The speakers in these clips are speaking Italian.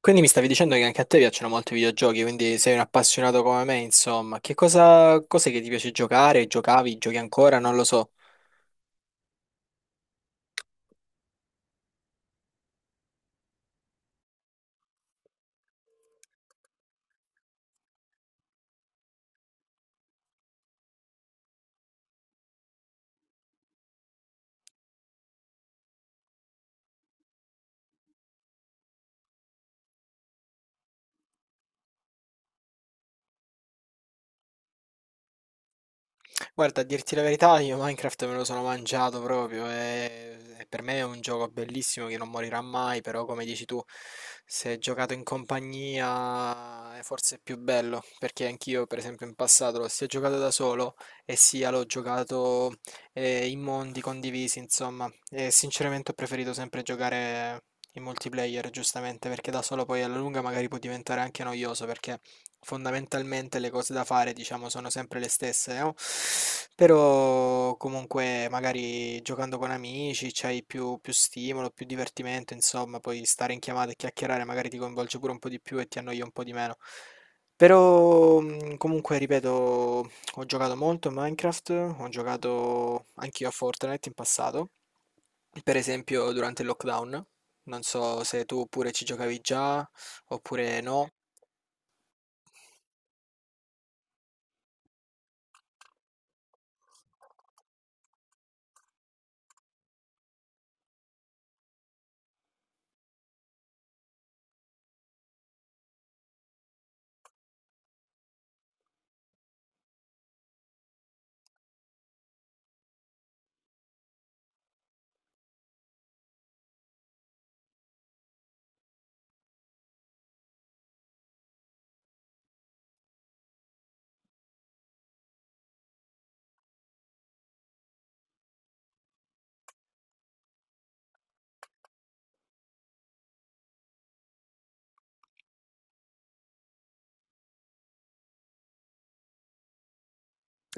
Quindi mi stavi dicendo che anche a te piacciono molto i videogiochi, quindi sei un appassionato come me, insomma. Cos'è che ti piace giocare? Giocavi? Giochi ancora? Non lo so. Guarda, a dirti la verità, io Minecraft me lo sono mangiato proprio e per me è un gioco bellissimo che non morirà mai, però come dici tu, se giocato in compagnia è forse più bello, perché anch'io per esempio in passato l'ho sia giocato da solo e sia l'ho giocato in mondi condivisi, insomma, e sinceramente ho preferito sempre giocare in multiplayer, giustamente, perché da solo poi alla lunga magari può diventare anche noioso, perché fondamentalmente le cose da fare, diciamo, sono sempre le stesse, no? Però comunque magari giocando con amici c'hai più stimolo, più divertimento, insomma, poi stare in chiamata e chiacchierare magari ti coinvolge pure un po' di più e ti annoia un po' di meno. Però comunque, ripeto, ho giocato molto a Minecraft, ho giocato anch'io a Fortnite in passato, per esempio durante il lockdown. Non so se tu pure ci giocavi già oppure no.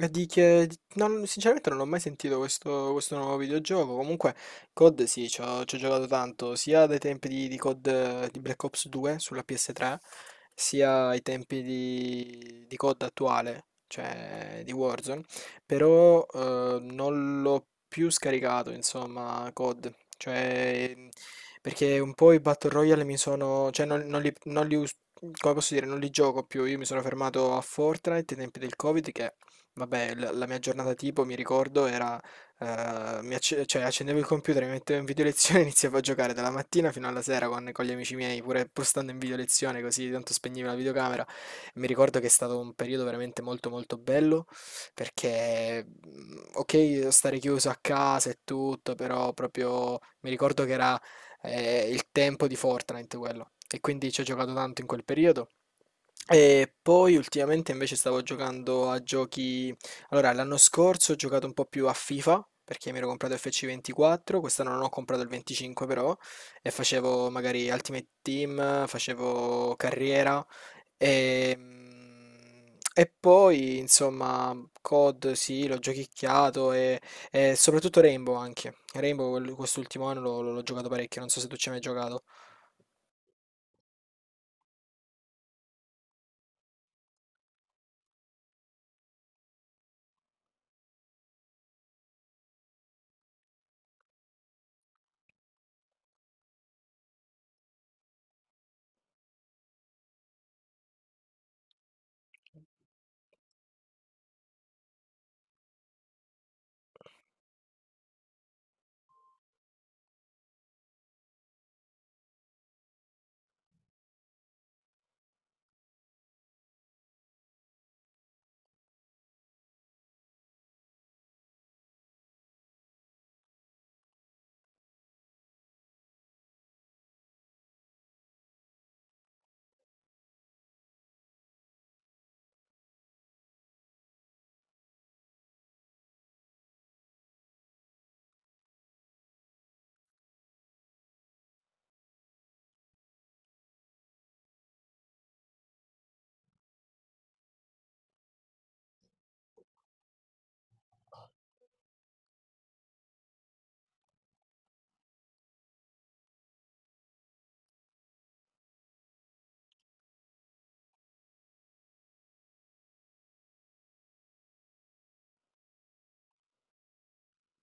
E di che... di- non- Sinceramente non ho mai sentito questo nuovo videogioco. Comunque, COD sì, ci ho giocato tanto, sia dai tempi di COD, di Black Ops 2 sulla PS3, sia ai tempi di COD attuale, cioè di Warzone. Però non l'ho più scaricato, insomma, COD. Cioè, perché un po' i Battle Royale mi sono. Cioè, non, non li, non li us- come posso dire, non li gioco più. Io mi sono fermato a Fortnite ai tempi del Covid. Che Vabbè, la mia giornata tipo, mi ricordo, era. Cioè, accendevo il computer, mi mettevo in video lezione e iniziavo a giocare dalla mattina fino alla sera con gli amici miei, pur stando in video lezione, così tanto spegnevo la videocamera. Mi ricordo che è stato un periodo veramente molto molto bello, perché, ok, stare chiuso a casa e tutto, però proprio mi ricordo che era il tempo di Fortnite quello. E quindi ci ho giocato tanto in quel periodo. E poi ultimamente invece stavo giocando a giochi. Allora, l'anno scorso ho giocato un po' più a FIFA perché mi ero comprato FC24, quest'anno non ho comprato il 25 però, e facevo magari Ultimate Team, facevo carriera e, mm, e poi insomma COD sì, l'ho giochicchiato e soprattutto Rainbow anche. Rainbow quest'ultimo anno l'ho giocato parecchio, non so se tu ci hai mai giocato.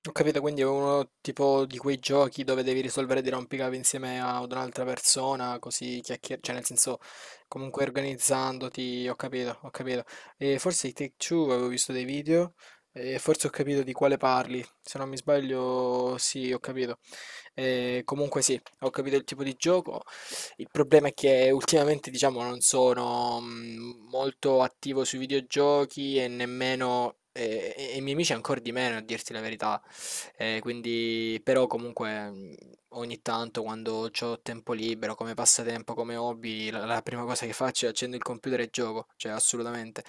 Ho capito, quindi è uno tipo di quei giochi dove devi risolvere dei rompicapi insieme ad un'altra persona, così chiacchierare, cioè nel senso comunque organizzandoti, ho capito, ho capito. E forse i Take-Two avevo visto dei video e forse ho capito di quale parli, se non mi sbaglio sì, ho capito. E comunque sì, ho capito il tipo di gioco. Il problema è che ultimamente diciamo non sono molto attivo sui videogiochi e nemmeno. E i miei amici ancora di meno, a dirti la verità. Quindi, però comunque ogni tanto quando ho tempo libero, come passatempo, come hobby, la prima cosa che faccio è accendo il computer e gioco, cioè assolutamente.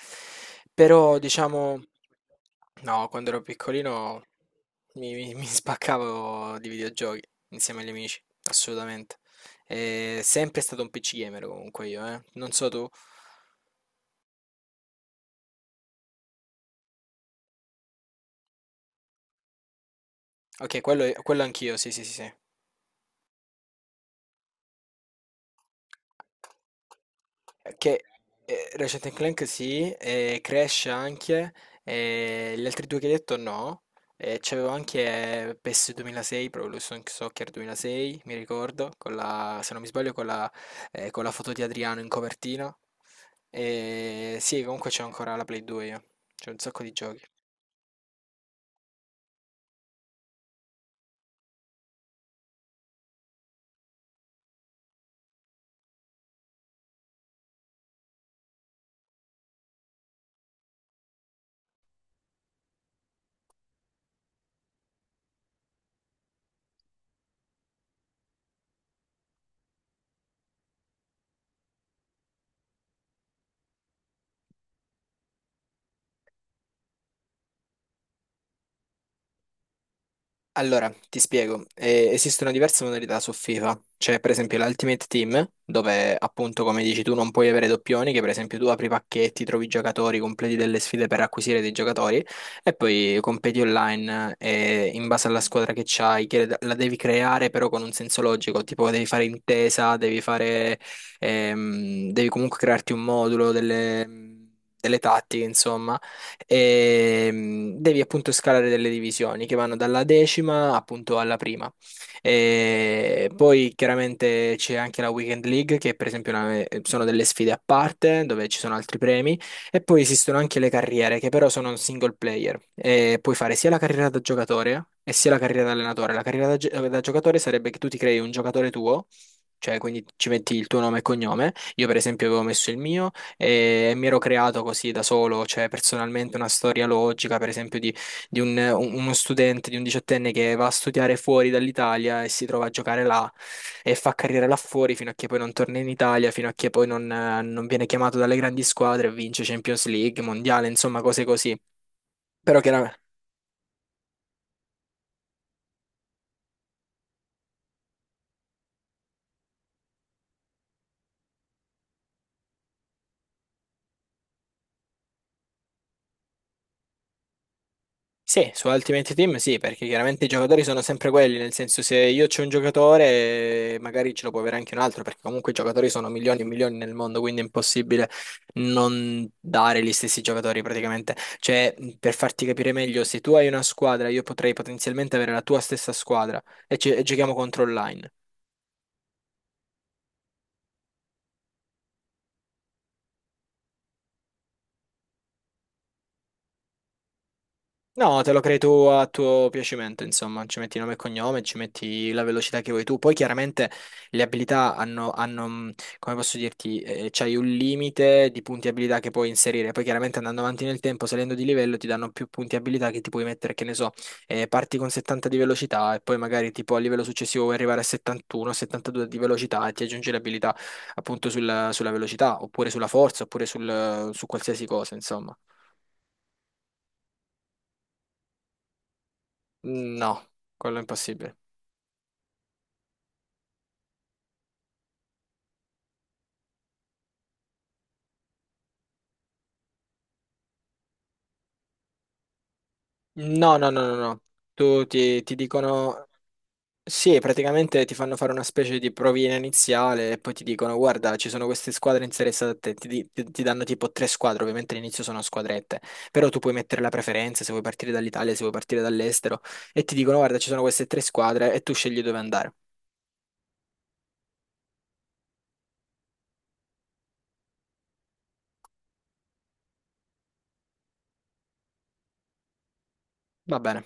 Però diciamo, no, quando ero piccolino mi spaccavo di videogiochi insieme agli amici, assolutamente. E sempre stato un PC gamer comunque io, eh. Non so tu. Ok, quello anch'io, sì, sì, sì, sì. Che Ratchet and Clank, sì, e Crash anche, e gli altri due che hai detto, no. E c'avevo anche PES 2006, proprio lo Sonic Soccer 2006, mi ricordo, con se non mi sbaglio con la foto di Adriano in copertina. E sì, comunque c'è ancora la Play 2 io, c'è un sacco di giochi. Allora, ti spiego. Esistono diverse modalità su FIFA, c'è per esempio l'Ultimate Team, dove appunto come dici tu non puoi avere doppioni, che per esempio tu apri pacchetti, trovi giocatori, completi delle sfide per acquisire dei giocatori e poi competi online in base alla squadra che c'hai, che la devi creare però con un senso logico, tipo devi fare intesa, devi comunque crearti un modulo delle tattiche, insomma, e devi appunto scalare delle divisioni che vanno dalla decima appunto alla prima. E poi chiaramente c'è anche la Weekend League, che per esempio sono delle sfide a parte dove ci sono altri premi. E poi esistono anche le carriere, che però sono un single player. E puoi fare sia la carriera da giocatore e sia la carriera da allenatore. La carriera da giocatore sarebbe che tu ti crei un giocatore tuo, cioè quindi ci metti il tuo nome e cognome. Io, per esempio, avevo messo il mio e mi ero creato così da solo, cioè personalmente una storia logica, per esempio, di uno studente, di un diciottenne che va a studiare fuori dall'Italia e si trova a giocare là e fa carriera là fuori fino a che poi non torna in Italia, fino a che poi non viene chiamato dalle grandi squadre e vince Champions League, Mondiale, insomma, cose così. Però chiaramente. Sì, su Ultimate Team sì, perché chiaramente i giocatori sono sempre quelli, nel senso se io c'ho un giocatore magari ce lo può avere anche un altro, perché comunque i giocatori sono milioni e milioni nel mondo, quindi è impossibile non dare gli stessi giocatori praticamente. Cioè, per farti capire meglio, se tu hai una squadra, io potrei potenzialmente avere la tua stessa squadra e giochiamo contro online. No, te lo crei tu a tuo piacimento, insomma, ci metti nome e cognome, ci metti la velocità che vuoi tu. Poi chiaramente le abilità come posso dirti, c'hai un limite di punti abilità che puoi inserire. Poi chiaramente andando avanti nel tempo, salendo di livello, ti danno più punti abilità che ti puoi mettere, che ne so, parti con 70 di velocità e poi magari tipo a livello successivo vuoi arrivare a 71, 72 di velocità e ti aggiungi le abilità appunto sulla velocità, oppure sulla forza, oppure su qualsiasi cosa, insomma. No, quello è impossibile. No, no, no, no, no. Tu ti dicono, sì, praticamente ti fanno fare una specie di provina iniziale e poi ti dicono, guarda, ci sono queste squadre interessate a te, ti danno tipo tre squadre, ovviamente all'inizio sono squadrette, però tu puoi mettere la preferenza se vuoi partire dall'Italia, se vuoi partire dall'estero, e ti dicono, guarda, ci sono queste tre squadre e tu scegli dove andare. Va bene.